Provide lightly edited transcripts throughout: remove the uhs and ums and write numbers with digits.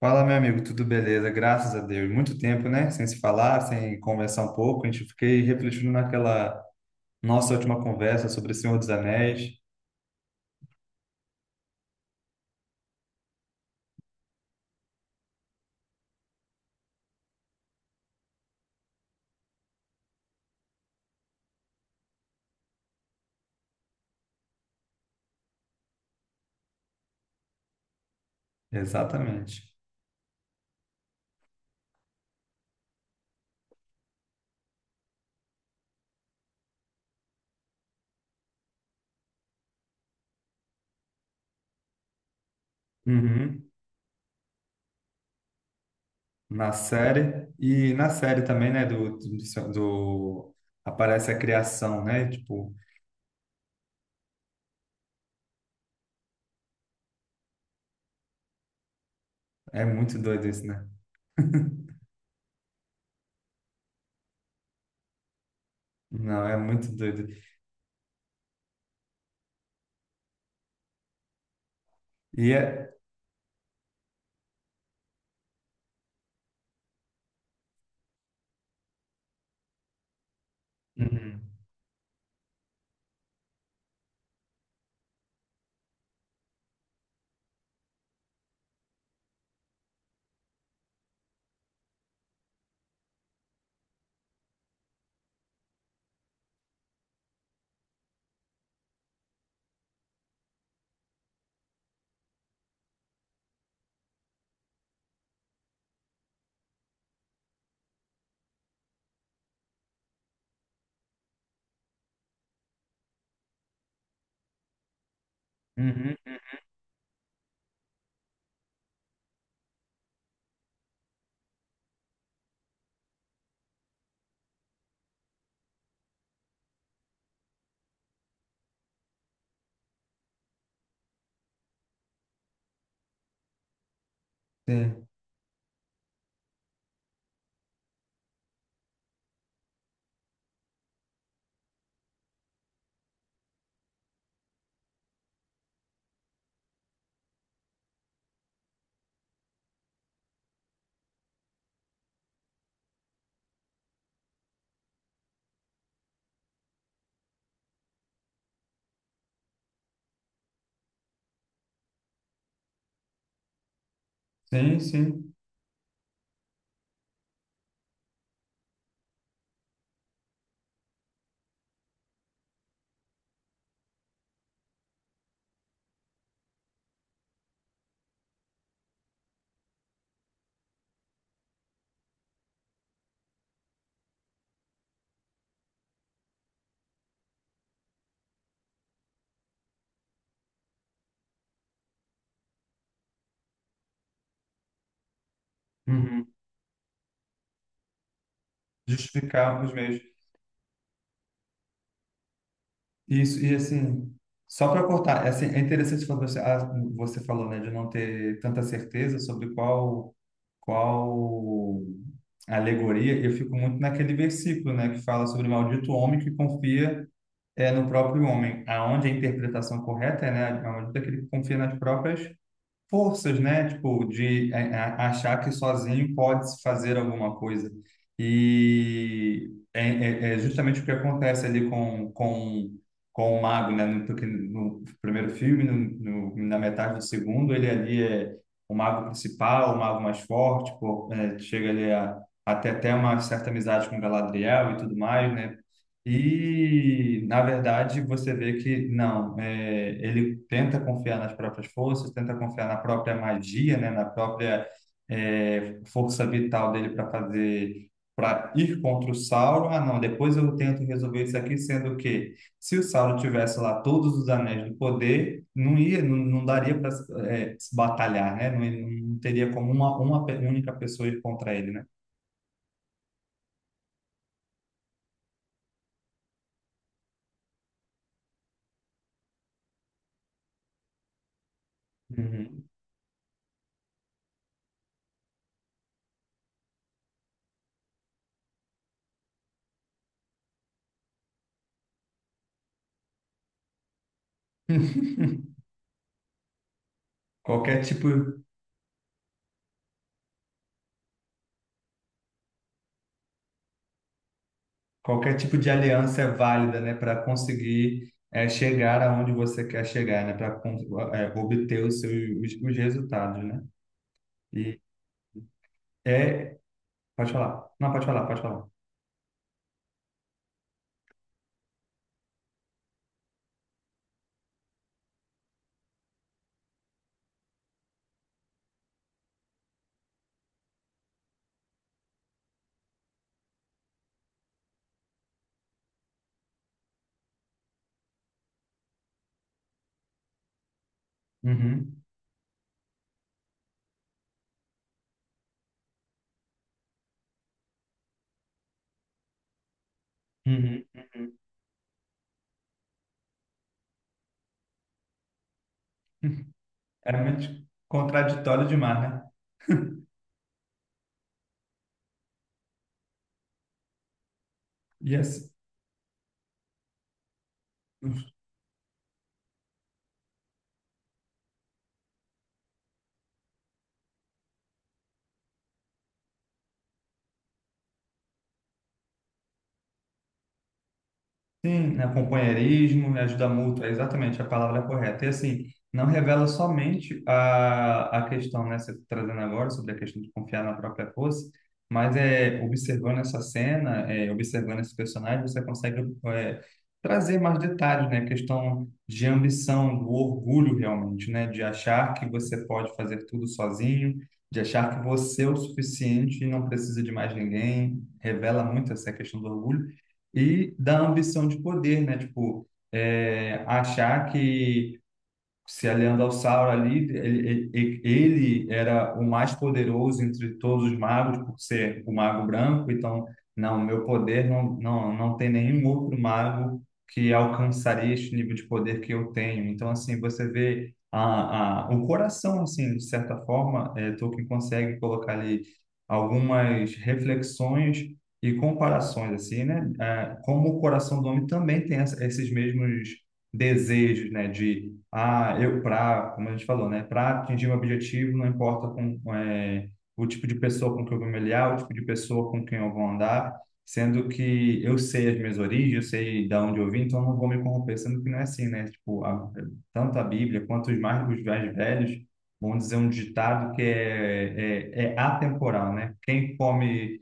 Fala, meu amigo, tudo beleza? Graças a Deus. Muito tempo, né? Sem se falar, sem conversar um pouco. A gente fiquei refletindo naquela nossa última conversa sobre o Senhor dos Anéis. Exatamente. Uhum. Na série. E na série também, né? Aparece a criação, né? Tipo, é muito doido isso, né? Não, é muito doido. E é. Uhum. Uhum. Sim, sim. Uhum. Justificar os meios. Isso, e assim, só para cortar, é, assim, é interessante quando você, você falou, né, de não ter tanta certeza sobre qual alegoria. Eu fico muito naquele versículo, né, que fala sobre o maldito homem que confia no próprio homem, aonde a interpretação correta é, né, maldito aquele que confia nas próprias forças, né? Tipo, achar que sozinho pode se fazer alguma coisa. E é, é justamente o que acontece ali com o mago, né? No, porque no primeiro filme, na metade do segundo, ele ali é o mago principal, o mago mais forte, pô, é, chega ali a ter até uma certa amizade com Galadriel e tudo mais, né? E, na verdade, você vê que não, é, ele tenta confiar nas próprias forças, tenta confiar na própria magia, né, na própria força vital dele para fazer, para ir contra o Sauron. Ah, não, depois eu tento resolver isso aqui, sendo que se o Sauron tivesse lá todos os anéis do poder, não ia, não daria para se batalhar, né? Não, não teria como única pessoa ir contra ele, né? Uhum. Qualquer tipo. Qualquer tipo de aliança é válida, né, para conseguir é, chegar aonde você quer chegar, né, para obter os seus os resultados, né? E é, pode falar. Não, pode falar, pode falar. Uhum, uhum, uhum. É muito contraditório demais, né? E assim, sim, né, companheirismo, né, ajuda mútua, é exatamente a palavra é correta. E assim, não revela somente a questão, né, você trazendo agora sobre a questão de confiar na própria força, mas é observando essa cena, é, observando esse personagem, você consegue é, trazer mais detalhes, né, questão de ambição, do orgulho realmente, né, de achar que você pode fazer tudo sozinho, de achar que você é o suficiente e não precisa de mais ninguém. Revela muito essa questão do orgulho e da ambição de poder, né? Tipo, é, achar que se aliando ao Sauron ali, ele era o mais poderoso entre todos os magos, por ser o mago branco. Então, não, meu poder não, não tem nenhum outro mago que alcançaria este nível de poder que eu tenho. Então, assim, você vê a, o coração, assim, de certa forma, é, Tolkien consegue colocar ali algumas reflexões e comparações, assim, né? É, como o coração do homem também tem essa, esses mesmos desejos, né, de ah, eu para, como a gente falou, né, para atingir um objetivo, não importa com é, o tipo de pessoa com quem eu vou me aliar, o tipo de pessoa com quem eu vou andar, sendo que eu sei as minhas origens, eu sei de onde eu vim, então eu não vou me corromper, sendo que não é assim, né? Tipo, a, tanto a Bíblia quanto os mais velhos vão dizer um ditado que é, é atemporal, né? Quem come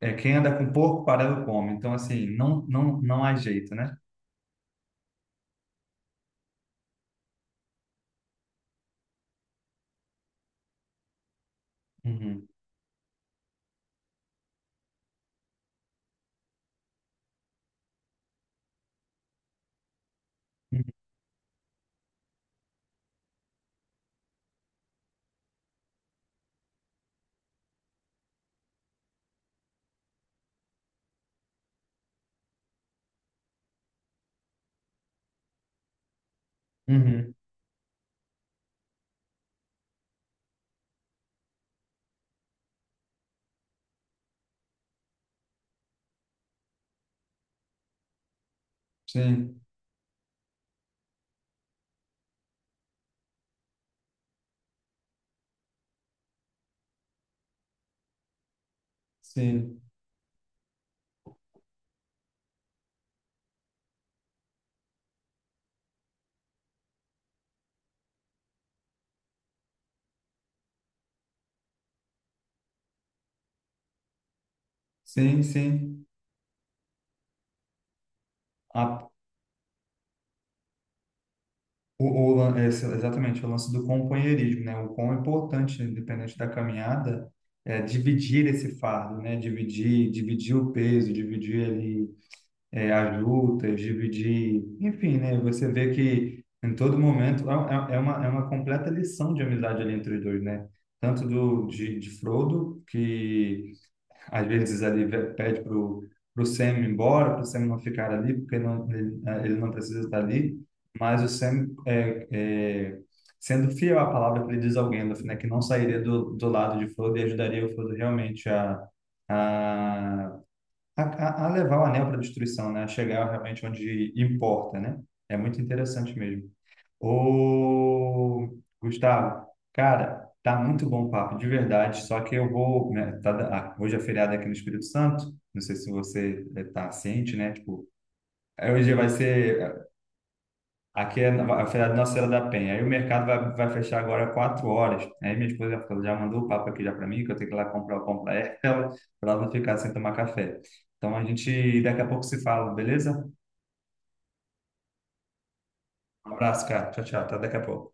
é, quem anda com porco, parado come. Então, assim, não há jeito, né? Uhum. Uhum. Sim, sim, sim. A, exatamente, o lance do companheirismo, né? O quão importante, independente da caminhada, é dividir esse fardo, né? Dividir o peso, dividir ali as lutas, dividir, enfim, né? Você vê que em todo momento é uma completa lição de amizade ali entre os dois, né? Tanto do, de Frodo, que às vezes ali pede pro Sam ir embora, pro Sam não ficar ali, porque não, ele, ele não precisa estar ali, mas o Sam sendo fiel à palavra que ele diz ao Gandalf, né, que não sairia do lado de Frodo e ajudaria o Frodo realmente a, a levar o anel para a destruição, né, a chegar realmente onde importa, né? É muito interessante mesmo. Ô, Gustavo, cara, tá muito bom o papo, de verdade. Só que eu vou, né, hoje é feriado aqui no Espírito Santo. Não sei se você tá ciente, né? Tipo, hoje vai ser aqui é a feriado de Nossa Senhora da Penha. Aí o mercado vai fechar agora 4 horas. Aí minha esposa já mandou o papo aqui já para mim que eu tenho que ir lá comprar o pão para ela, para ela não ficar sem tomar café. Então a gente daqui a pouco se fala, beleza? Um abraço, cara. Tchau, tchau. Até daqui a pouco.